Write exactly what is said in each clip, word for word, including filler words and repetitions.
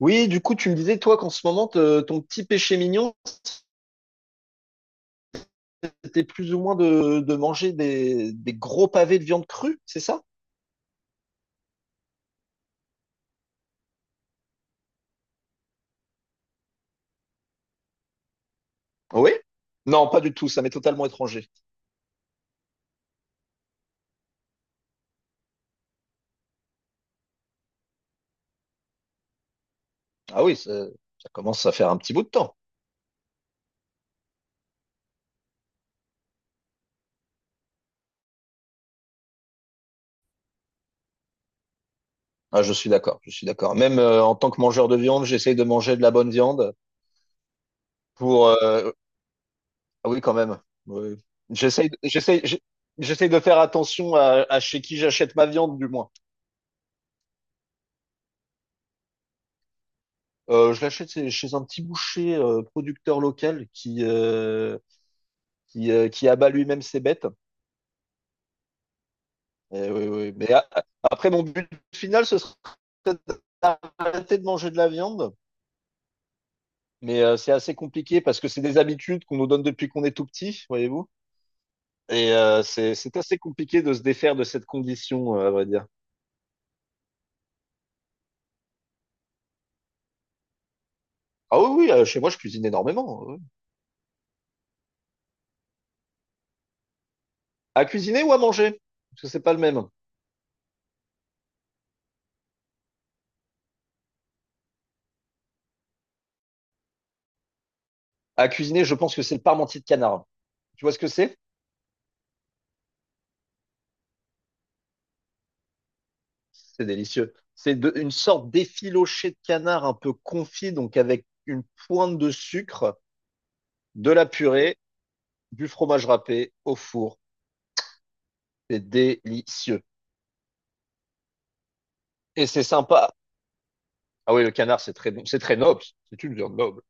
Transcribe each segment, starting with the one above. Oui, du coup, tu me disais, toi, qu'en ce moment, te- ton petit péché mignon, c'était plus ou moins de, de manger des, des gros pavés de viande crue, c'est ça? Oui? Non, pas du tout, ça m'est totalement étranger. Ah oui, ça, ça commence à faire un petit bout de temps. Ah, je suis d'accord, je suis d'accord. Même euh, en tant que mangeur de viande, j'essaye de manger de la bonne viande pour... euh, ah oui, quand même. Oui. J'essaye, j'essaye, j'ai- j'essaye de faire attention à, à chez qui j'achète ma viande, du moins. Euh, je l'achète chez chez un petit boucher euh, producteur local qui... euh, qui, euh, qui abat lui-même ses bêtes. Et oui, oui. Mais a- après, mon but final, ce serait d'arrêter de manger de la viande. Mais euh, c'est assez compliqué parce que c'est des habitudes qu'on nous donne depuis qu'on est tout petit, voyez-vous. Et euh, c'est c'est assez compliqué de se défaire de cette condition, euh, à vrai dire. Ah oui, oui, euh, chez moi, je cuisine énormément, hein, oui. À cuisiner ou à manger? Parce que c'est pas le même. À cuisiner, je pense que c'est le parmentier de canard. Tu vois ce que c'est? C'est délicieux. C'est de- une sorte d'effiloché de canard un peu confit, donc avec une pointe de sucre, de la purée, du fromage râpé au four. C'est délicieux. Et c'est sympa. Ah oui, le canard, c'est très bon. C'est très noble. C'est une viande noble.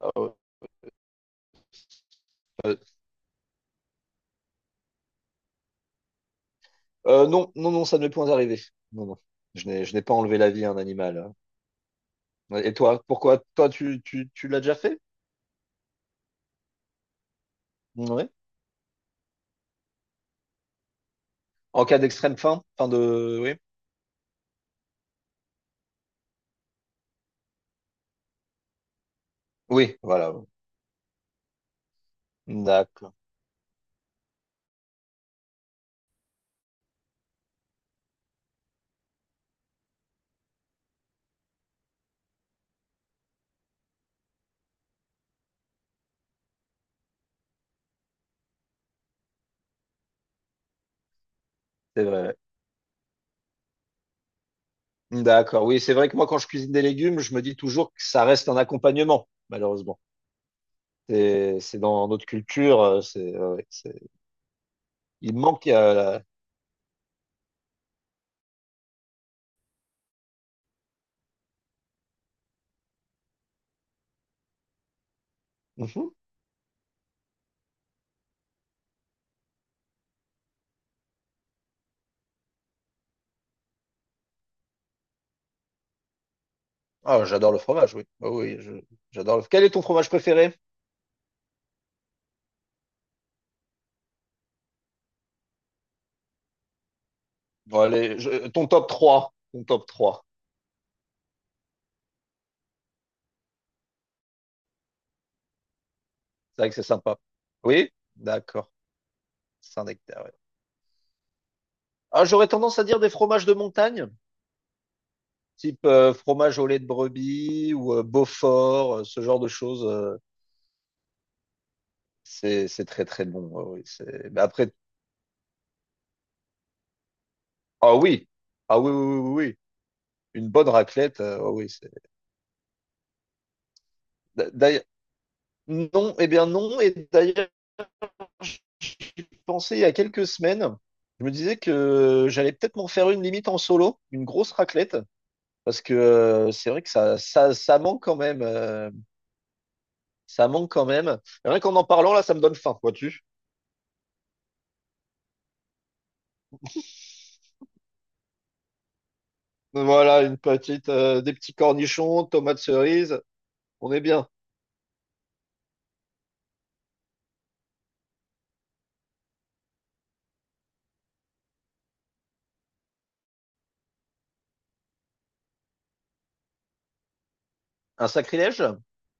Ah ouais. Euh, euh, non, non, non, ça ne m'est point arrivé. Non, non. Je n'ai, je n'ai pas enlevé la vie à un animal, hein. Ouais. Et toi, pourquoi? Toi, tu, tu, tu l'as déjà fait? Oui. En cas d'extrême faim, fin de, oui. Oui, voilà. D'accord. C'est vrai. Ouais. D'accord. Oui, c'est vrai que moi, quand je cuisine des légumes, je me dis toujours que ça reste un accompagnement, malheureusement. C'est, c'est dans notre culture, euh, c'est, ouais, c'est- Il manque. euh, la- Mhm. Ah, j'adore le fromage, oui. Ah oui, je- j'adore le... Quel est ton fromage préféré? Bon, allez, je- ton top trois. Ton top trois. C'est vrai que c'est sympa. Oui? D'accord. Saint-Nectaire, ouais. Ah, j'aurais tendance à dire des fromages de montagne, type euh, fromage au lait de brebis ou euh, Beaufort, euh, ce genre de choses. euh, c'est, c'est très très bon. Ouais, oui, c'est... Mais après, ah oui, ah oui, oui, oui, oui. Oui. Une bonne raclette, euh, ah oui. C'est- D'a- D'ailleurs, non, eh bien non. Et d'ailleurs, pensais il y a quelques semaines, je me disais que j'allais peut-être m'en faire une, limite en solo, une grosse raclette, parce que euh, c'est vrai que ça, ça, ça manque quand même. Euh, ça manque quand même. Et rien qu'en en parlant, là, ça me donne faim, vois-tu? Voilà, une petite, euh, des petits cornichons, tomates cerises, on est bien. Un sacrilège?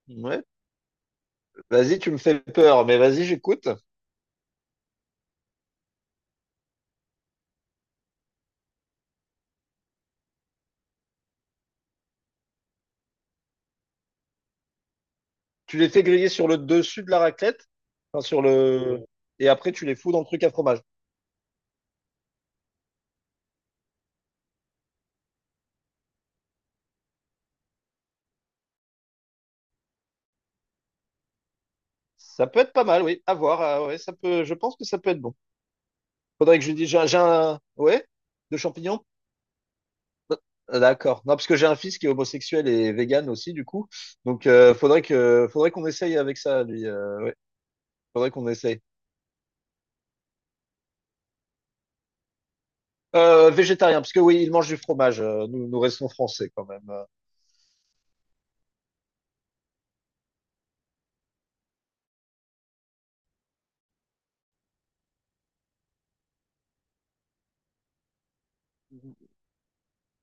Ouais. Vas-y, tu me fais peur, mais vas-y, j'écoute. Tu les fais griller sur le dessus de la raclette, enfin, sur le... Et après, tu les fous dans le truc à fromage. Ça peut être pas mal, oui. À voir. Ah ouais, ça peut... Je pense que ça peut être bon. Faudrait que je lui dise, j'ai un, j'ai un- ouais, de champignons? Ah, d'accord. Non, parce que j'ai un fils qui est homosexuel et vegan aussi, du coup. Donc, euh, faudrait que, faudrait qu'on essaye avec ça, lui. Euh, ouais, faudrait qu'on essaye. Euh, végétarien, parce que oui, il mange du fromage. Euh, nous, nous restons français quand même. Euh,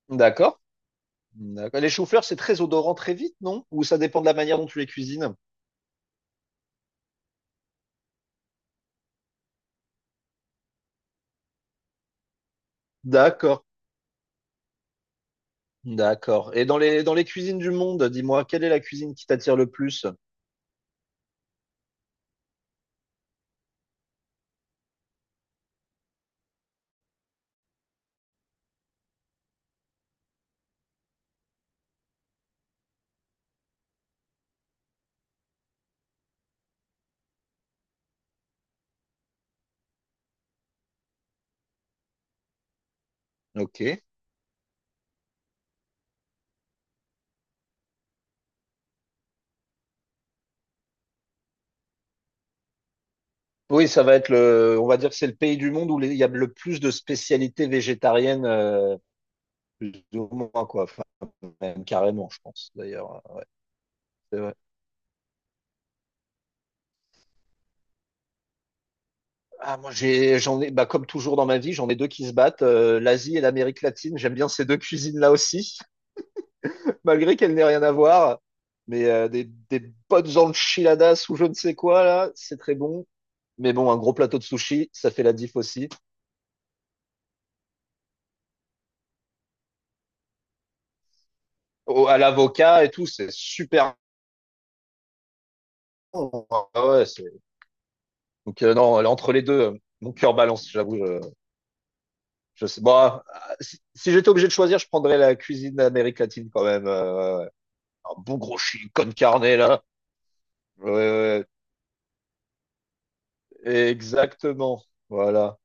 D'accord. D'accord. Les choux-fleurs, c'est très odorant très vite, non? Ou ça dépend de la manière dont tu les cuisines? D'accord. D'accord. Et dans les, dans les cuisines du monde, dis-moi, quelle est la cuisine qui t'attire le plus? Ok. Oui, ça va être le, on va dire que c'est le pays du monde où les- il y a le plus de spécialités végétariennes, euh, plus ou moins, quoi. Enfin, même carrément, je pense, d'ailleurs. C'est vrai. Ah, moi, j'ai, j'en ai, bah, comme toujours dans ma vie, j'en ai deux qui se battent, euh, l'Asie et l'Amérique latine. J'aime bien ces deux cuisines-là aussi, malgré qu'elles n'aient rien à voir. Mais euh, des, des bonnes enchiladas ou je ne sais quoi, là, c'est très bon. Mais bon, un gros plateau de sushi, ça fait la diff aussi. Au- à l'avocat et tout, c'est super. Bon. Ah ouais, c'est... Donc euh, non, là, entre les deux, euh, mon cœur balance, j'avoue. Je, je sais. Bon, ah, si, si j'étais obligé de choisir, je prendrais la cuisine d'Amérique latine quand même. Euh, ouais, ouais. Ouais. Un bon gros con carnet là. Ouais, ouais, ouais. Exactement. Voilà.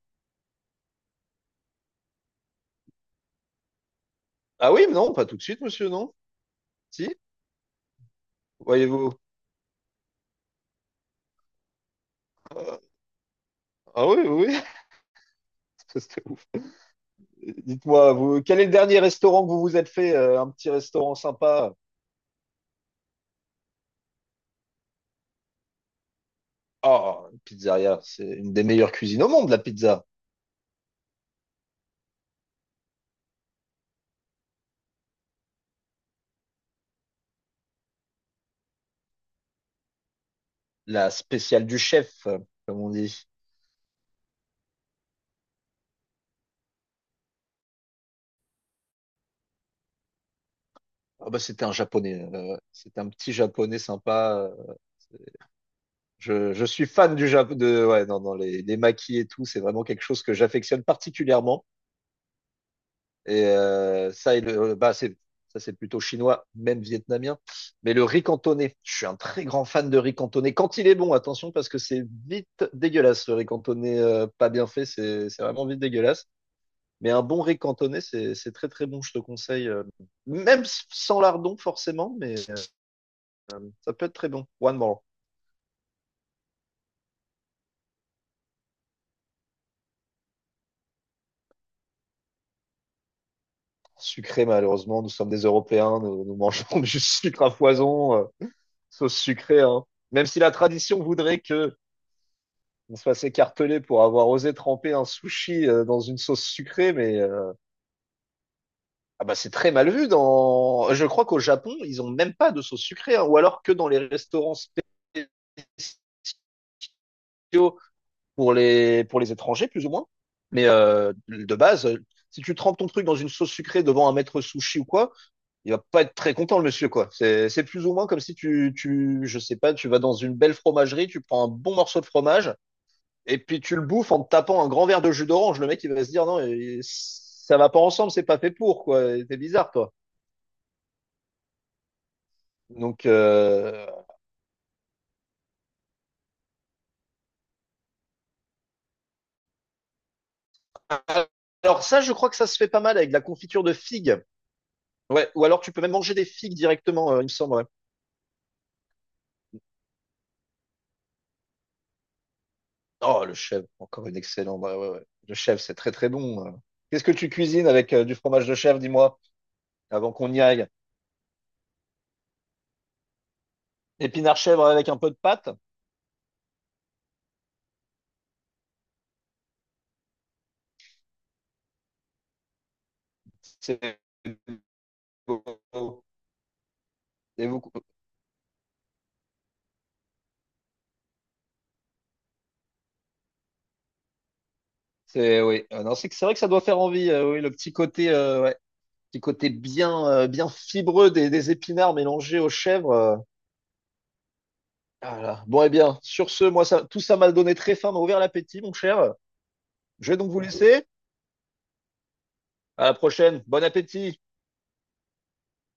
Ah oui, mais non, pas tout de suite, monsieur, non? Si, voyez-vous. Euh, Ah oui, oui. Oui. Parce que- Dites-moi, vous, quel est le dernier restaurant que vous vous êtes fait? Euh, un petit restaurant sympa? Ah, une pizzeria, c'est une des meilleures cuisines au monde, la pizza. La spéciale du chef, euh, comme on dit. Ah bah, c'était un japonais. Euh, c'était un petit japonais sympa. Euh, Je, je suis fan du Japon. De, ouais, dans dans les, les maquis et tout, c'est vraiment quelque chose que j'affectionne particulièrement. Et euh, ça, et le, bah, c'est, ça, c'est plutôt chinois, même vietnamien. Mais le riz cantonais, je suis un très grand fan de riz cantonais. Quand il est bon, attention, parce que c'est vite dégueulasse. Le riz cantonais euh, pas bien fait, c'est, c'est vraiment vite dégueulasse. Mais un bon riz cantonais, c'est, c'est très très bon, je te conseille. Euh, même s- sans lardon, forcément, mais euh, ça peut être très bon. One more. Sucré, malheureusement. Nous sommes des Européens, nous, nous mangeons du sucre à foison, euh, sauce sucrée, hein. Même si la tradition voudrait que on se fasse écarteler pour avoir osé tremper un sushi euh, dans une sauce sucrée, mais euh, ah bah c'est très mal vu. Dans, je crois qu'au Japon, ils ont même pas de sauce sucrée, hein, ou alors que dans les restaurants spéciaux pour les pour les étrangers, plus ou moins. Mais euh, de base, si tu trempes ton truc dans une sauce sucrée devant un maître sushi ou quoi, il va pas être très content, le monsieur, quoi. C'est, c'est plus ou moins comme si tu, tu, je sais pas, tu vas dans une belle fromagerie, tu prends un bon morceau de fromage, et puis tu le bouffes en te tapant un grand verre de jus d'orange. Le mec, il va se dire, non, il- ça va pas ensemble, c'est pas fait pour, quoi. T'es bizarre, toi. Donc, euh, alors ça, je crois que ça se fait pas mal avec de la confiture de figues. Ouais, ou alors tu peux même manger des figues directement, euh, il me semble, ouais. Oh, le chèvre, encore une excellente. Ouais, ouais, ouais. Le chèvre, c'est très, très bon. Euh. Qu'est-ce que tu cuisines avec euh, du fromage de chèvre, dis-moi, avant qu'on y aille? Épinard chèvre avec un peu de pâte. C'est et beaucoup- c'est oui. Euh, non, c'est que- C'est vrai que ça doit faire envie. Euh, oui, le petit côté, euh, ouais, petit côté bien, euh, bien fibreux des, des épinards mélangés aux chèvres. Euh. Ah là. Bon, eh bien, sur ce, moi, ça, tout ça m'a donné très faim, m'a ouvert l'appétit, mon cher. Je vais donc vous laisser. À la prochaine. Bon appétit.